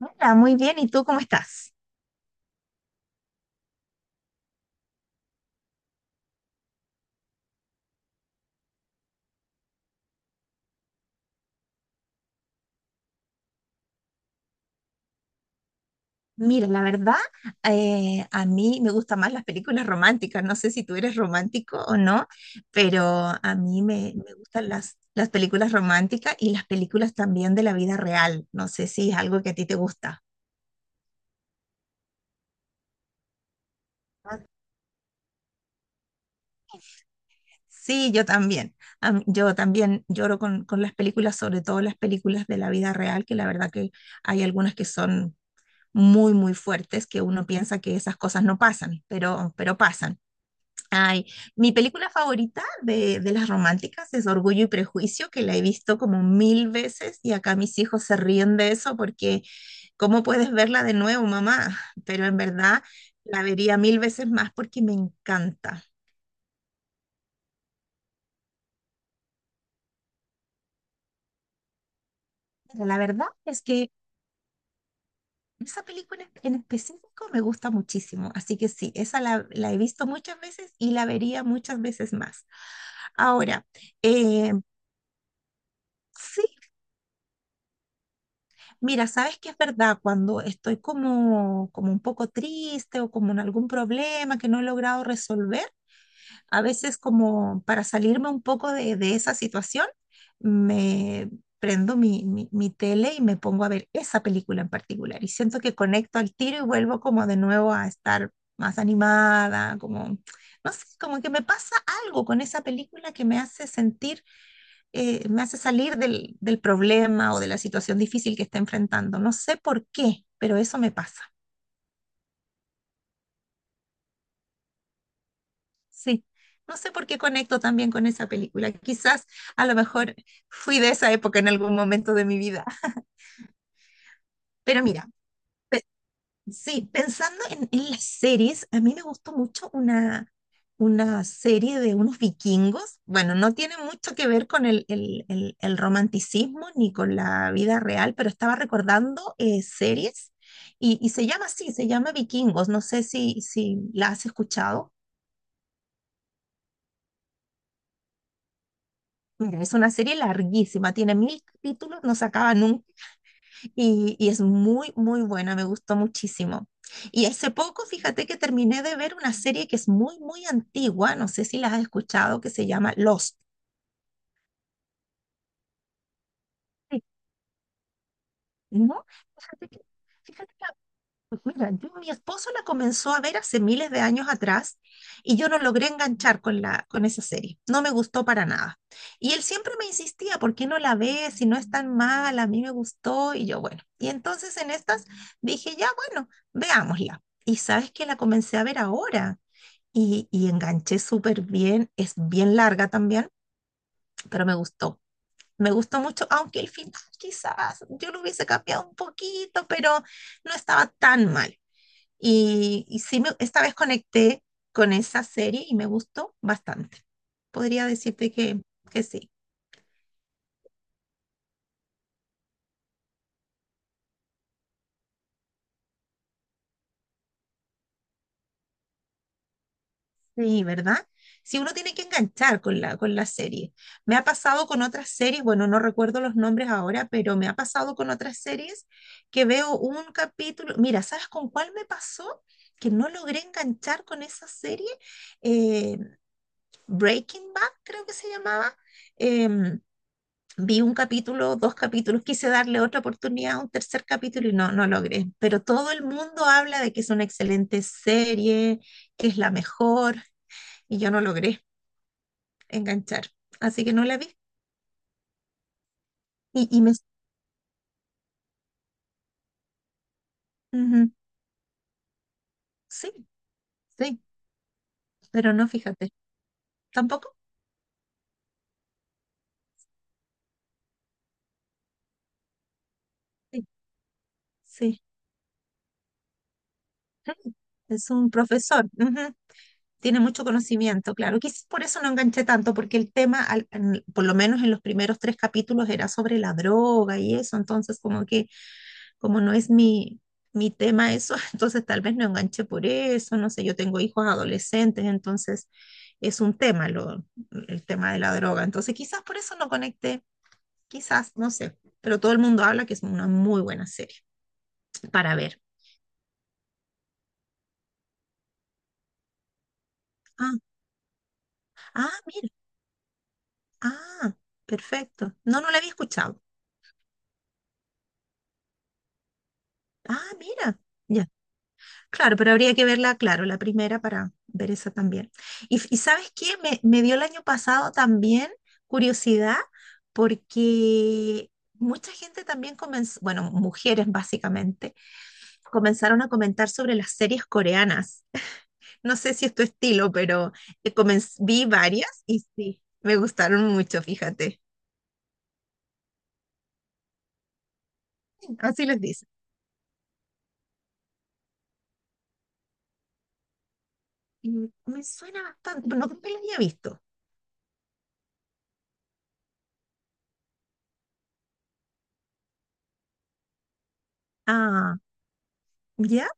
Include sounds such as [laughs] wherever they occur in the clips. Hola, muy bien. ¿Y tú cómo estás? Mira, la verdad, a mí me gustan más las películas románticas. No sé si tú eres romántico o no, pero a mí me gustan las películas románticas y las películas también de la vida real. No sé si es algo que a ti te gusta. Ah, sí, yo también. Yo también lloro con las películas, sobre todo las películas de la vida real, que la verdad que hay algunas que son muy, muy fuertes, que uno piensa que esas cosas no pasan, pero pasan. Ay, mi película favorita de las románticas es Orgullo y Prejuicio, que la he visto como mil veces y acá mis hijos se ríen de eso porque ¿cómo puedes verla de nuevo, mamá? Pero en verdad la vería mil veces más porque me encanta. Pero la verdad es que esa película en específico me gusta muchísimo, así que sí, esa la he visto muchas veces y la vería muchas veces más. Ahora, eh, sí, mira, sabes que es verdad, cuando estoy como un poco triste o como en algún problema que no he logrado resolver, a veces como para salirme un poco de esa situación, me prendo mi tele y me pongo a ver esa película en particular y siento que conecto al tiro y vuelvo como de nuevo a estar más animada, como, no sé, como que me pasa algo con esa película que me hace sentir, me hace salir del problema o de la situación difícil que está enfrentando. No sé por qué, pero eso me pasa. Sí, no sé por qué conecto también con esa película. Quizás a lo mejor fui de esa época en algún momento de mi vida. Pero mira, pe- sí, pensando en las series, a mí me gustó mucho una serie de unos vikingos. Bueno, no tiene mucho que ver con el romanticismo ni con la vida real, pero estaba recordando series, y se llama así, se llama Vikingos. No sé si la has escuchado. Mira, es una serie larguísima, tiene mil capítulos, no se acaba nunca, y es muy, muy buena, me gustó muchísimo. Y hace poco, fíjate que terminé de ver una serie que es muy, muy antigua, no sé si la has escuchado, que se llama Lost. Sí. ¿No? Fíjate que, fíjate que pues mira, mi esposo la comenzó a ver hace miles de años atrás y yo no logré enganchar con con esa serie. No me gustó para nada. Y él siempre me insistía, ¿por qué no la ves? Si no es tan mala, a mí me gustó. Y yo, bueno. Y entonces en estas dije, ya, bueno, veámosla. Y sabes que la comencé a ver ahora y enganché súper bien. Es bien larga también, pero me gustó. Me gustó mucho, aunque el final quizás yo lo hubiese cambiado un poquito, pero no estaba tan mal. Y sí, esta vez conecté con esa serie y me gustó bastante. Podría decirte que sí. Sí, ¿verdad? Si uno tiene que enganchar con con la serie. Me ha pasado con otras series, bueno, no recuerdo los nombres ahora, pero me ha pasado con otras series que veo un capítulo. Mira, ¿sabes con cuál me pasó? Que no logré enganchar con esa serie. Eh, Breaking Bad, creo que se llamaba. Em, Vi un capítulo, dos capítulos, quise darle otra oportunidad un tercer capítulo y no, no logré. Pero todo el mundo habla de que es una excelente serie, que es la mejor, y yo no logré enganchar. Así que no la vi. Y, y me... Ujú, sí, sí, pero no, fíjate. ¿Tampoco? Sí, sí, sí. Es un profesor, ujú. Tiene mucho conocimiento, claro. Quizás por eso no enganché tanto, porque el tema, por lo menos en los primeros tres capítulos, era sobre la droga y eso. Entonces, como que, como no es mi tema eso, [laughs] entonces tal vez no enganché por eso, no sé, yo tengo hijos adolescentes, entonces es un tema lo, el tema de la droga, entonces quizás por eso no conecté, quizás, no sé, pero todo el mundo habla que es una muy buena serie para ver. Ah, ah, mira, ah, perfecto, no, no la había escuchado. Ah, mira, ya. Claro, pero habría que verla, claro, la primera para ver esa también. Y ¿sabes qué? Me dio el año pasado también curiosidad porque mucha gente también comenzó, bueno, mujeres básicamente, comenzaron a comentar sobre las series coreanas. No sé si es tu estilo, pero vi varias y sí, me gustaron mucho, fíjate. Así les dice. Y me suena bastante, pero no creo que las había visto. Ah, ¿ya?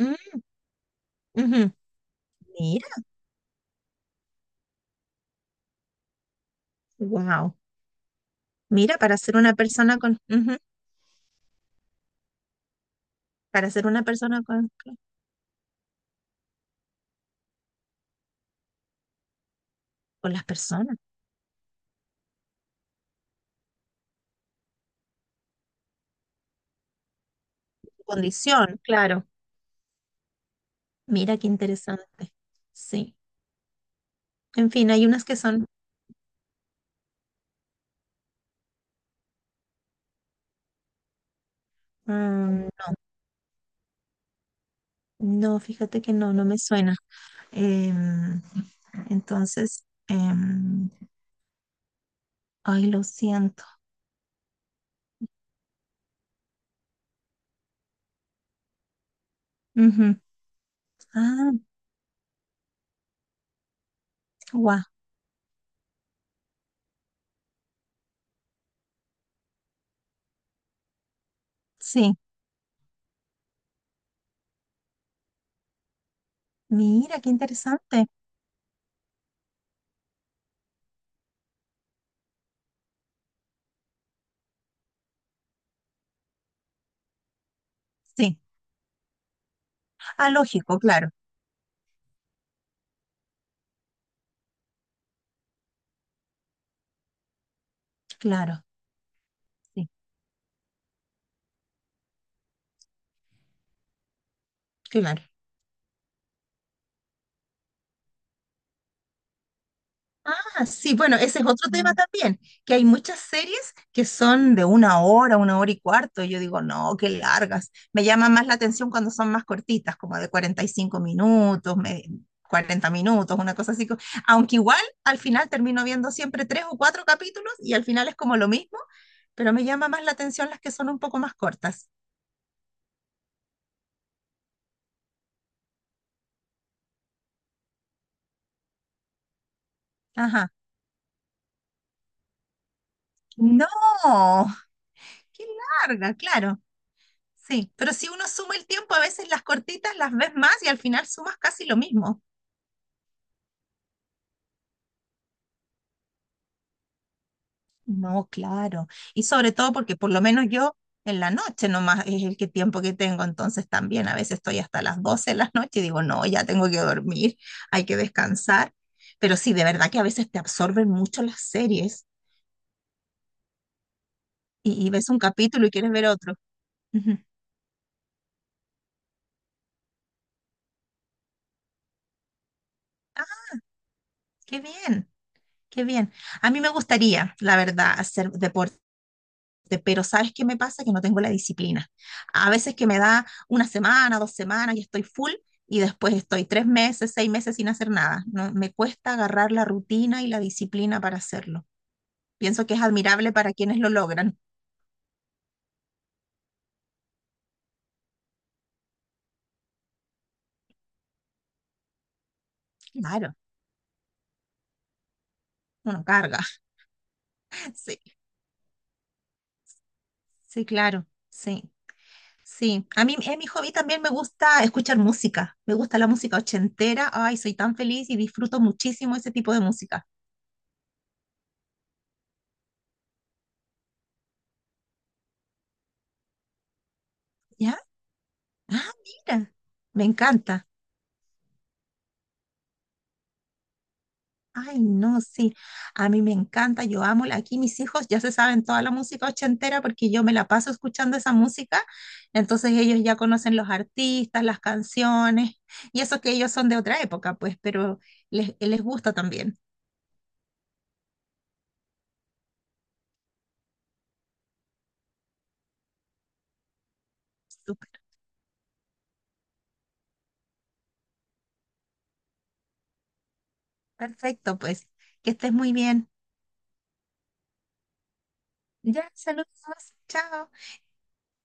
Mm, ujú. Mira, wow. Mira, para ser una persona con, ujú, para ser una persona con las personas, condición, claro. Mira qué interesante. Sí. En fin, hay unas que son, mm, no, no, fíjate que no, no me suena. Em, entonces, ay, lo siento. Ujú. Ah, guau, sí. Mira qué interesante. Sí. Ah, lógico, claro, claro, sí, claro. Ah, sí, bueno, ese es otro tema también, que hay muchas series que son de una hora y cuarto. Y yo digo, no, qué largas. Me llama más la atención cuando son más cortitas, como de 45 minutos, 40 minutos, una cosa así. Aunque igual al final termino viendo siempre tres o cuatro capítulos y al final es como lo mismo, pero me llama más la atención las que son un poco más cortas. Ajá. No, qué larga, claro. Sí, pero si uno suma el tiempo, a veces las cortitas las ves más y al final sumas casi lo mismo. No, claro. Y sobre todo porque por lo menos yo en la noche nomás es el que tiempo que tengo, entonces también a veces estoy hasta las 12 de la noche y digo, no, ya tengo que dormir, hay que descansar. Pero sí, de verdad que a veces te absorben mucho las series y ves un capítulo y quieres ver otro. Ujú. Ah, qué bien, qué bien. A mí me gustaría, la verdad, hacer deporte. Pero ¿sabes qué me pasa? Que no tengo la disciplina. A veces que me da una semana, 2 semanas y estoy full, y después estoy 3 meses, 6 meses sin hacer nada. No, me cuesta agarrar la rutina y la disciplina para hacerlo. Pienso que es admirable para quienes lo logran. Claro, uno carga. [laughs] Sí, sí, claro, sí. Sí, a mí en mi hobby también me gusta escuchar música, me gusta la música ochentera, ay, soy tan feliz y disfruto muchísimo ese tipo de música. ¿Ya? Ah, mira, me encanta. Ay, no, sí, a mí me encanta, yo amo, aquí mis hijos ya se saben toda la música ochentera porque yo me la paso escuchando esa música, entonces ellos ya conocen los artistas, las canciones, y eso que ellos son de otra época, pues, pero les gusta también. Súper, perfecto, pues, que estés muy bien. Ya, saludos, chao.